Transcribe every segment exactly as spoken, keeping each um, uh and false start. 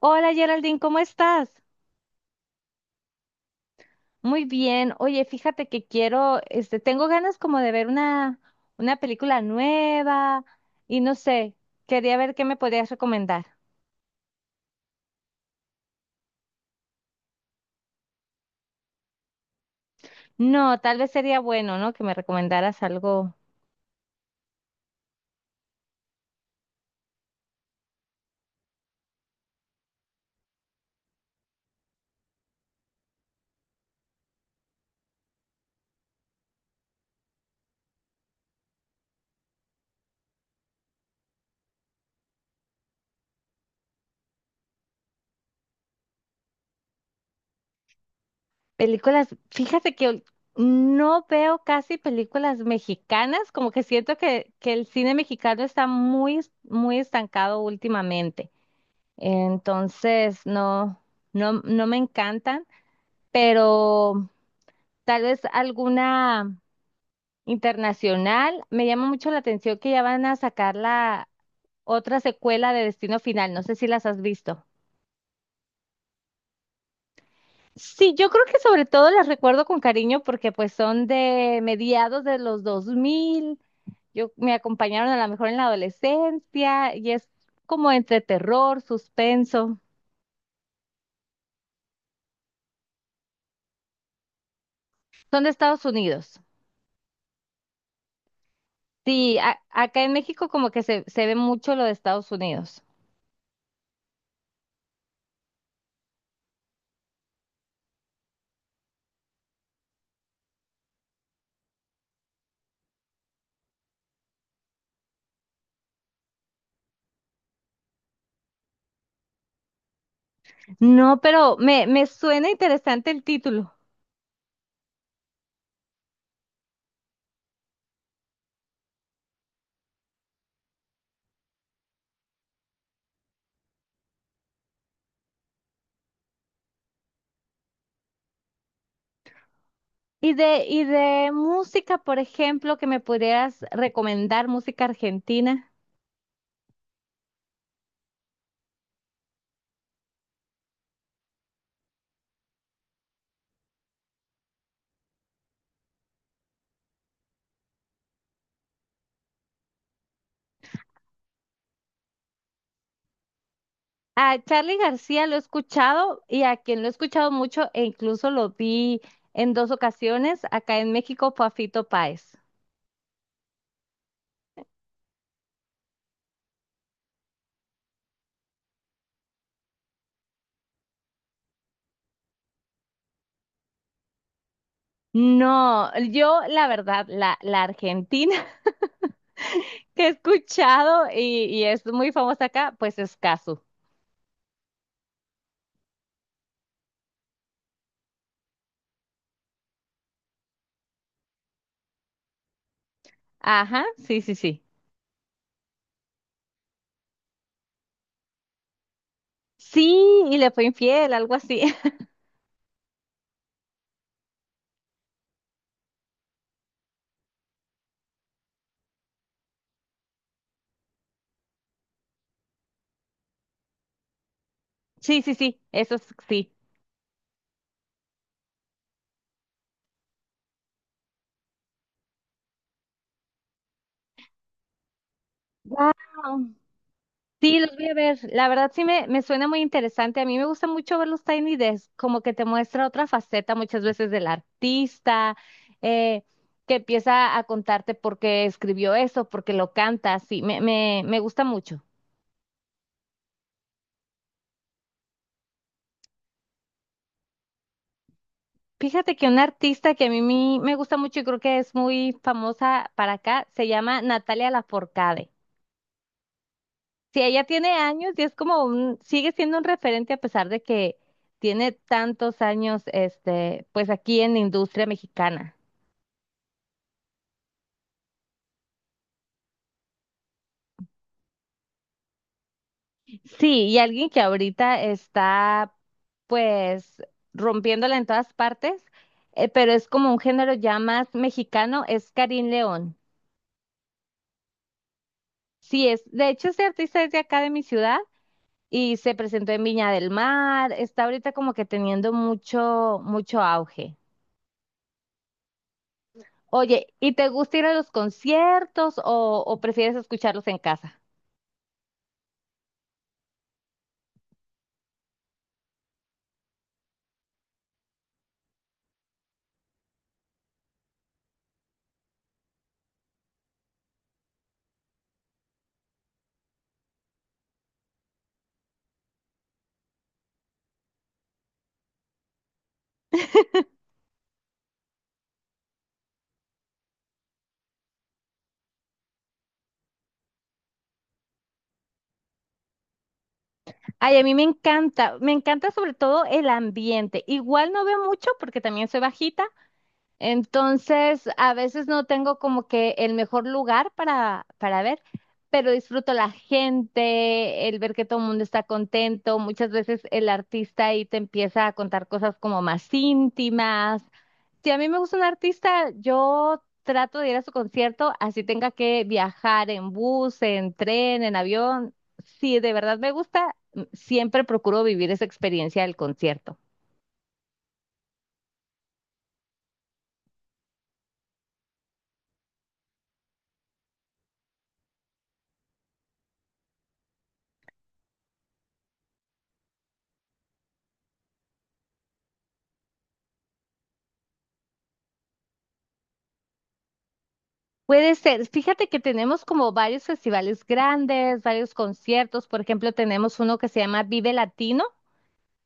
Hola Geraldine, ¿cómo estás? Muy bien. Oye, fíjate que quiero, este, tengo ganas como de ver una, una película nueva y no sé, quería ver qué me podrías recomendar. No, tal vez sería bueno, ¿no? Que me recomendaras algo. Películas, fíjate que ul- no veo casi películas mexicanas, como que siento que, que el cine mexicano está muy, es- muy estancado últimamente. Entonces, no, no, no me encantan, pero... Tal vez alguna internacional. Me llama mucho la atención que ya van a sacar la otra secuela de Destino Final. No sé si las has visto. Sí, yo creo que sobre todo las recuerdo con cariño porque pues son de mediados de los dos mil. Yo me acompañaron a lo mejor en la adolescencia y es como entre terror, suspenso. Son de Estados Unidos. Sí, a- acá en México como que se, se ve mucho lo de Estados Unidos. No, pero me, me suena interesante el título. Y de, y de música, por ejemplo, que me pudieras recomendar música argentina. A Charly García lo he escuchado y a quien lo he escuchado mucho e incluso lo vi en dos ocasiones acá en México fue a Fito Páez. No, yo la verdad, la, la argentina que he escuchado y, y es muy famosa acá, pues es Casu. Ajá, sí, sí, sí. Sí, y le fue infiel, algo así. Sí, sí, sí, eso es- sí. Wow. Sí, los voy a ver. La verdad sí me, me suena muy interesante. A mí me gusta mucho ver los Tiny Desk, como que te muestra otra faceta muchas veces del artista, eh, que empieza a contarte por qué escribió eso, por qué lo canta. Sí, me, me, me gusta mucho. Fíjate que una artista que a mí me me gusta mucho y creo que es muy famosa para acá se llama Natalia Lafourcade. Sí, ella tiene años y es como un, sigue siendo un referente a pesar de que tiene tantos años, este, pues aquí en la industria mexicana. Sí, y alguien que ahorita está pues rompiéndola en todas partes, eh, pero es como un género ya más mexicano, es Karin León. Sí, es, de hecho este artista es de acá de mi ciudad y se presentó en Viña del Mar, está ahorita como que teniendo mucho, mucho auge. Oye, ¿y te gusta ir a los conciertos o, o prefieres escucharlos en casa? Ay, a mí me encanta, me encanta sobre todo el ambiente. Igual no veo mucho porque también soy bajita. Entonces, a veces no tengo como que el mejor lugar para, para ver, pero disfruto la gente, el ver que todo el mundo está contento. Muchas veces el artista ahí te empieza a contar cosas como más íntimas. Si a mí me gusta un artista, yo trato de ir a su concierto, así tenga que viajar en bus, en tren, en avión. Si de verdad me gusta, siempre procuro vivir esa experiencia del concierto. Puede ser. Fíjate que tenemos como varios festivales grandes, varios conciertos. Por ejemplo, tenemos uno que se llama Vive Latino,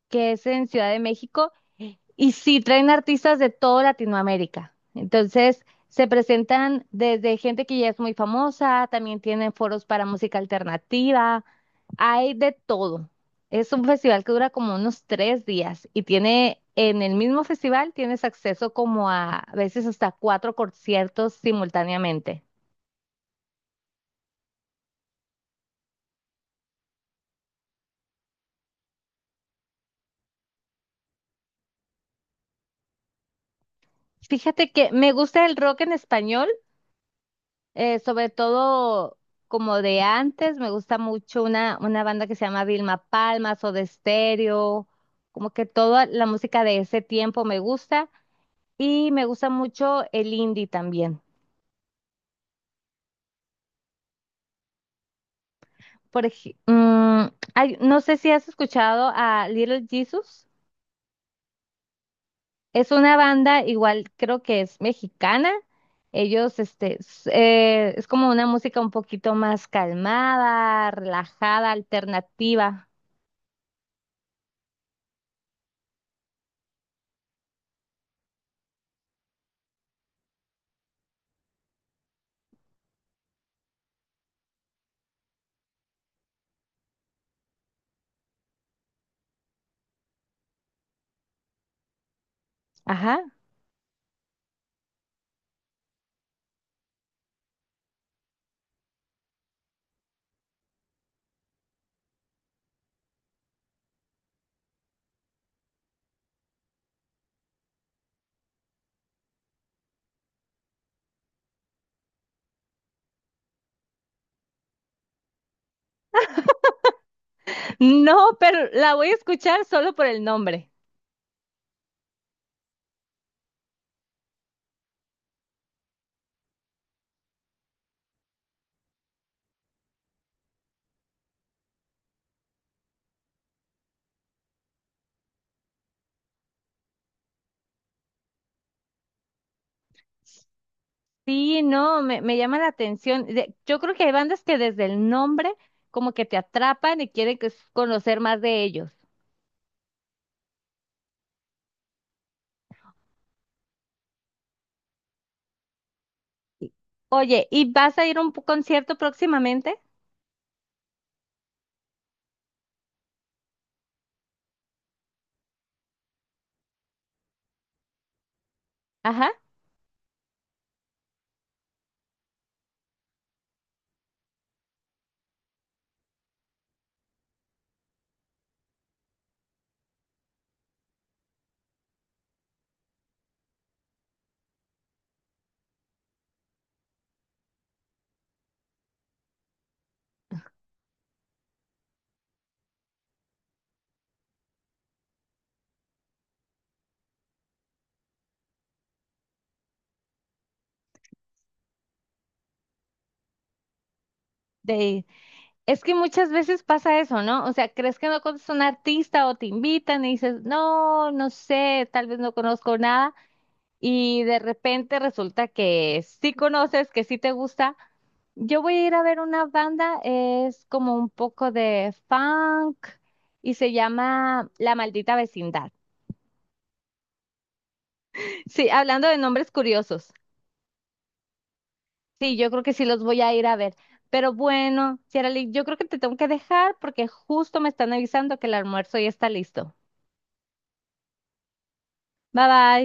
que es en Ciudad de México. Y sí, traen artistas de toda Latinoamérica. Entonces, se presentan desde gente que ya es muy famosa, también tienen foros para música alternativa, hay de todo. Es un festival que dura como unos tres días y tiene, en el mismo festival tienes acceso como a, a veces hasta cuatro conciertos simultáneamente. Fíjate que me gusta el rock en español. Eh, sobre todo como de antes, me gusta mucho una, una banda que se llama Vilma Palma, Soda Stereo, como que toda la música de ese tiempo me gusta y me gusta mucho el indie también. Por ej- mm, hay- No sé si has escuchado a Little Jesus, es una banda igual creo que es mexicana. Ellos, este, s- eh, es como una música un poquito más calmada, relajada, alternativa. Ajá. No, pero la voy a escuchar solo por el nombre. Sí, no, me, me llama la atención. De- yo creo que hay bandas que desde el nombre como que te atrapan y quieren que- conocer más de ellos. Sí. Oye, ¿y vas a ir a un pu- concierto próximamente? Ajá. De, es que muchas veces pasa eso, ¿no? O sea, crees que no conoces a un artista o te invitan y dices, no, no sé, tal vez no conozco nada. Y de repente resulta que sí conoces, que sí te gusta. Yo voy a ir a ver una banda, es como un poco de funk y se llama La Maldita Vecindad. Sí, hablando de nombres curiosos. Sí, yo creo que sí los voy a ir a ver. Pero bueno, Ciarali, yo creo que te tengo que dejar porque justo me están avisando que el almuerzo ya está listo. Bye bye.